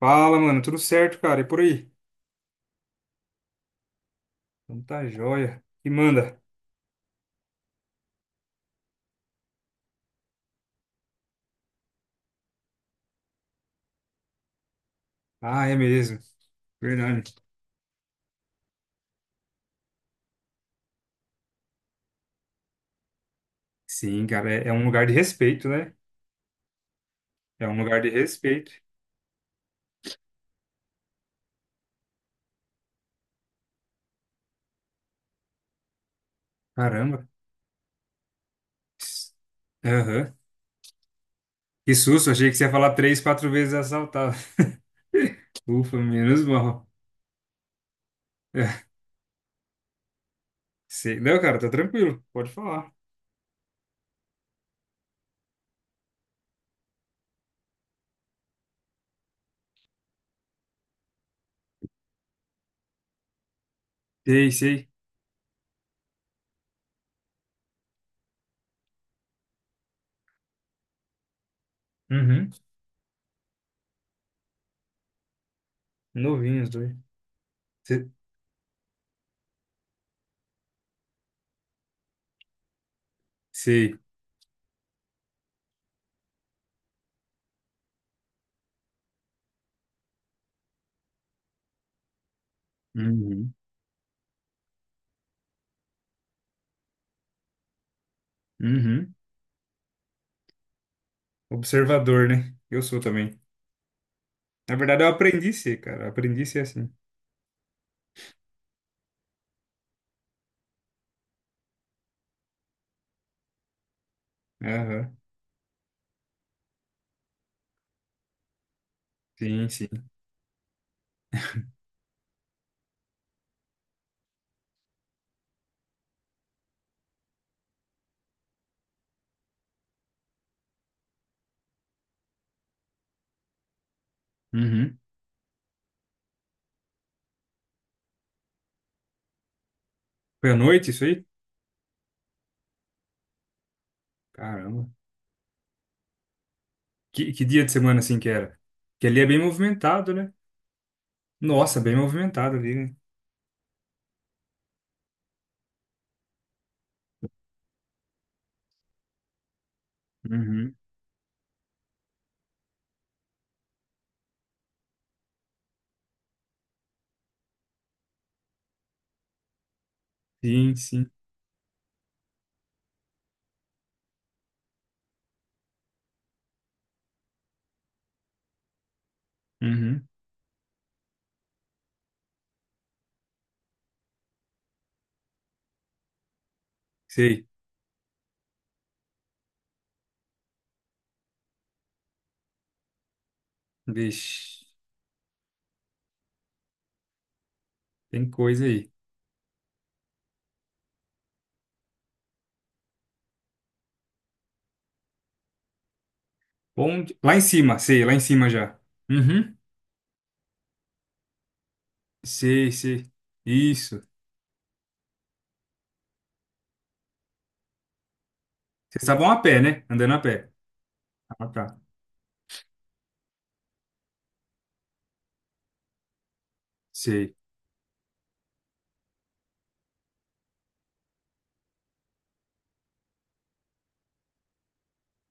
Fala, mano, tudo certo, cara? E por aí? Então tá joia. E manda. Ah, é mesmo. Verdade. Sim, cara, é um lugar de respeito, né? É um lugar de respeito. Caramba. Ps- Aham. Que susto, achei que você ia falar três, quatro vezes assaltado. Ufa, menos mal. É, sei. Não, cara, tá tranquilo. Pode falar. Sei, sei. Uhum. Novinhos, dois. Se- Sei. Uhum. Uhum. Observador, né? Eu sou também. Na verdade, eu aprendi a ser, cara. Eu aprendi a ser assim. Aham. Sim, sim. Uhum. Foi à noite isso aí? Caramba. Que dia de semana assim que era? Que ali é bem movimentado, né? Nossa, bem movimentado ali, né? Uhum. Sim, sim. Uhum. Sei. Vixe, tem coisa aí. Onde... Lá em cima, sei, lá em cima já. Uhum. Sei, sei. Isso. Vocês estavam a pé, né? Andando a pé. Ah, tá. Sei.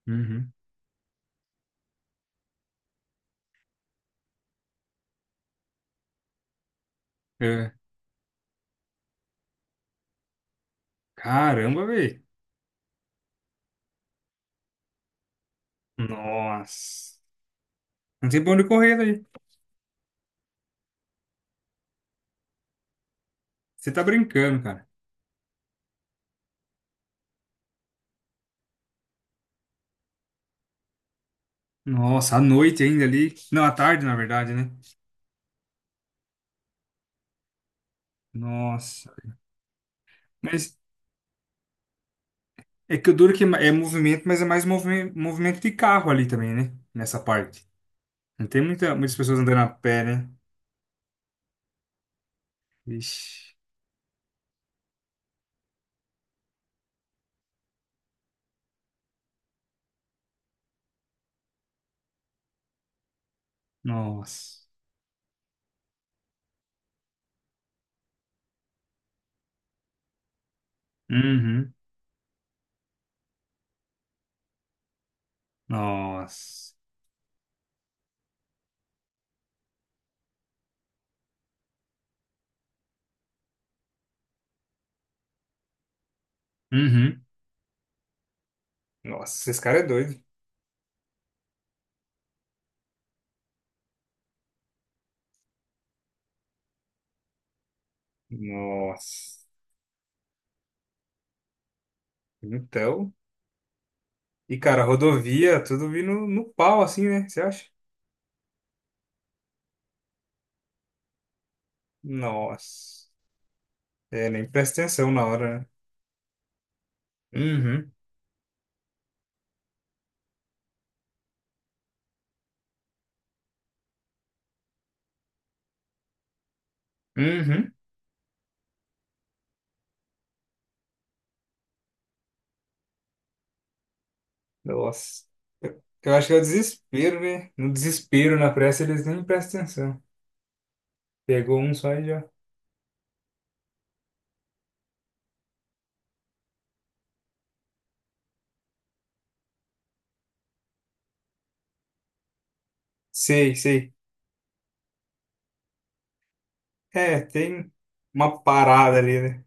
Uhum. É. Caramba, velho. Nossa. Não tem pra onde correr daí. Você tá brincando, cara. Nossa, à noite ainda ali. Não, à tarde, na verdade, né? Nossa. Mas é que o duro que é é movimento, mas é mais movimento, movimento de carro ali também, né? Nessa parte. Não tem muita, muitas pessoas andando a pé, né? Vixe. Nossa. Uhum. Nossa. Uhum. Nossa, esse cara é doido. Nossa. Então. E, cara, rodovia, tudo vindo no pau, assim, né? Você acha? Nossa. É, nem presta atenção na hora, né? Uhum. Uhum. Nossa. Eu acho que é o desespero, né? No desespero, na pressa, eles nem prestam atenção. Pegou um só e já. Sei, sei. É, tem uma parada ali, né?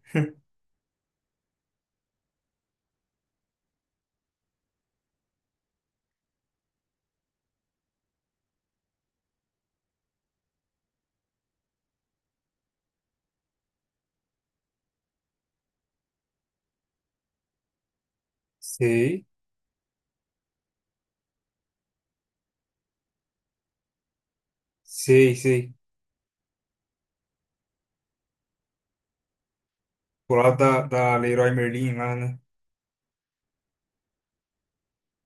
Sei, sei, sei. Pro lado da Leroy Merlin lá, né?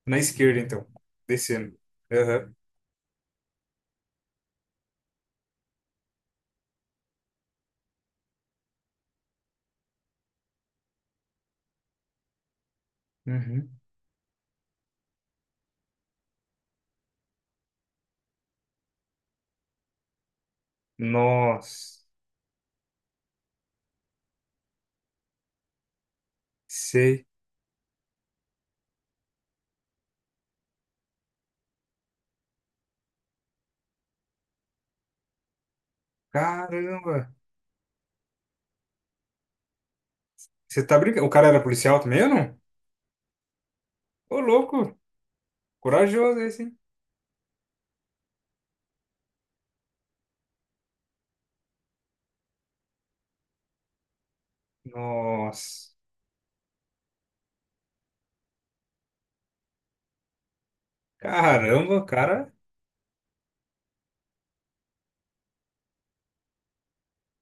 Na esquerda, então. Descendo. Aham. Uhum. Nossa. Sei. Caramba. Você tá brincando? O cara era policial também ou não? Ô, louco. Corajoso esse, hein? Nossa. Caramba, o cara.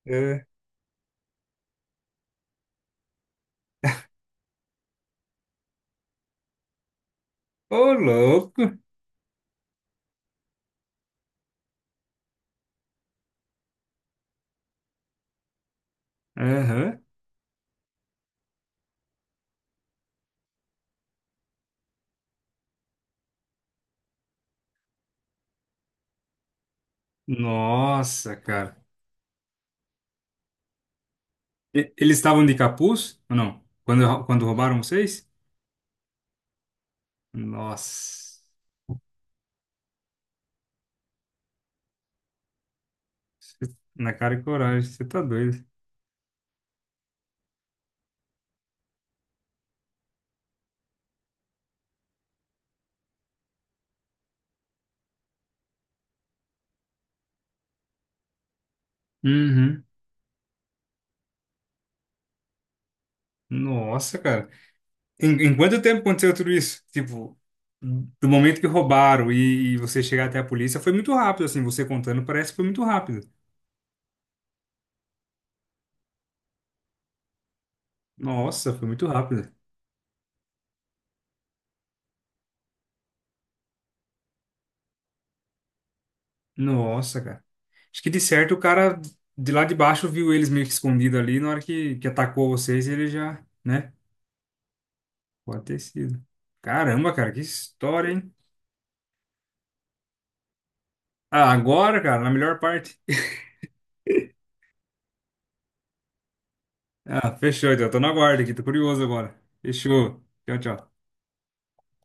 É. Ô, louco! Aham. Nossa, cara. Eles estavam de capuz ou não? Quando roubaram vocês? Nossa. Na cara e coragem, você tá doido. Uhum. Nossa, cara. Em quanto tempo aconteceu tudo isso? Tipo, do momento que roubaram e você chegar até a polícia, foi muito rápido, assim. Você contando, parece que foi muito rápido. Nossa, foi muito rápido. Nossa, cara. Acho que de certo o cara de lá de baixo viu eles meio que escondido ali. Na hora que atacou vocês, ele já, né? Pode ter sido. Caramba, cara, que história, hein? Ah, agora, cara, na melhor parte. Ah, fechou, então. Tô na guarda aqui, tô curioso agora. Fechou. Tchau, tchau.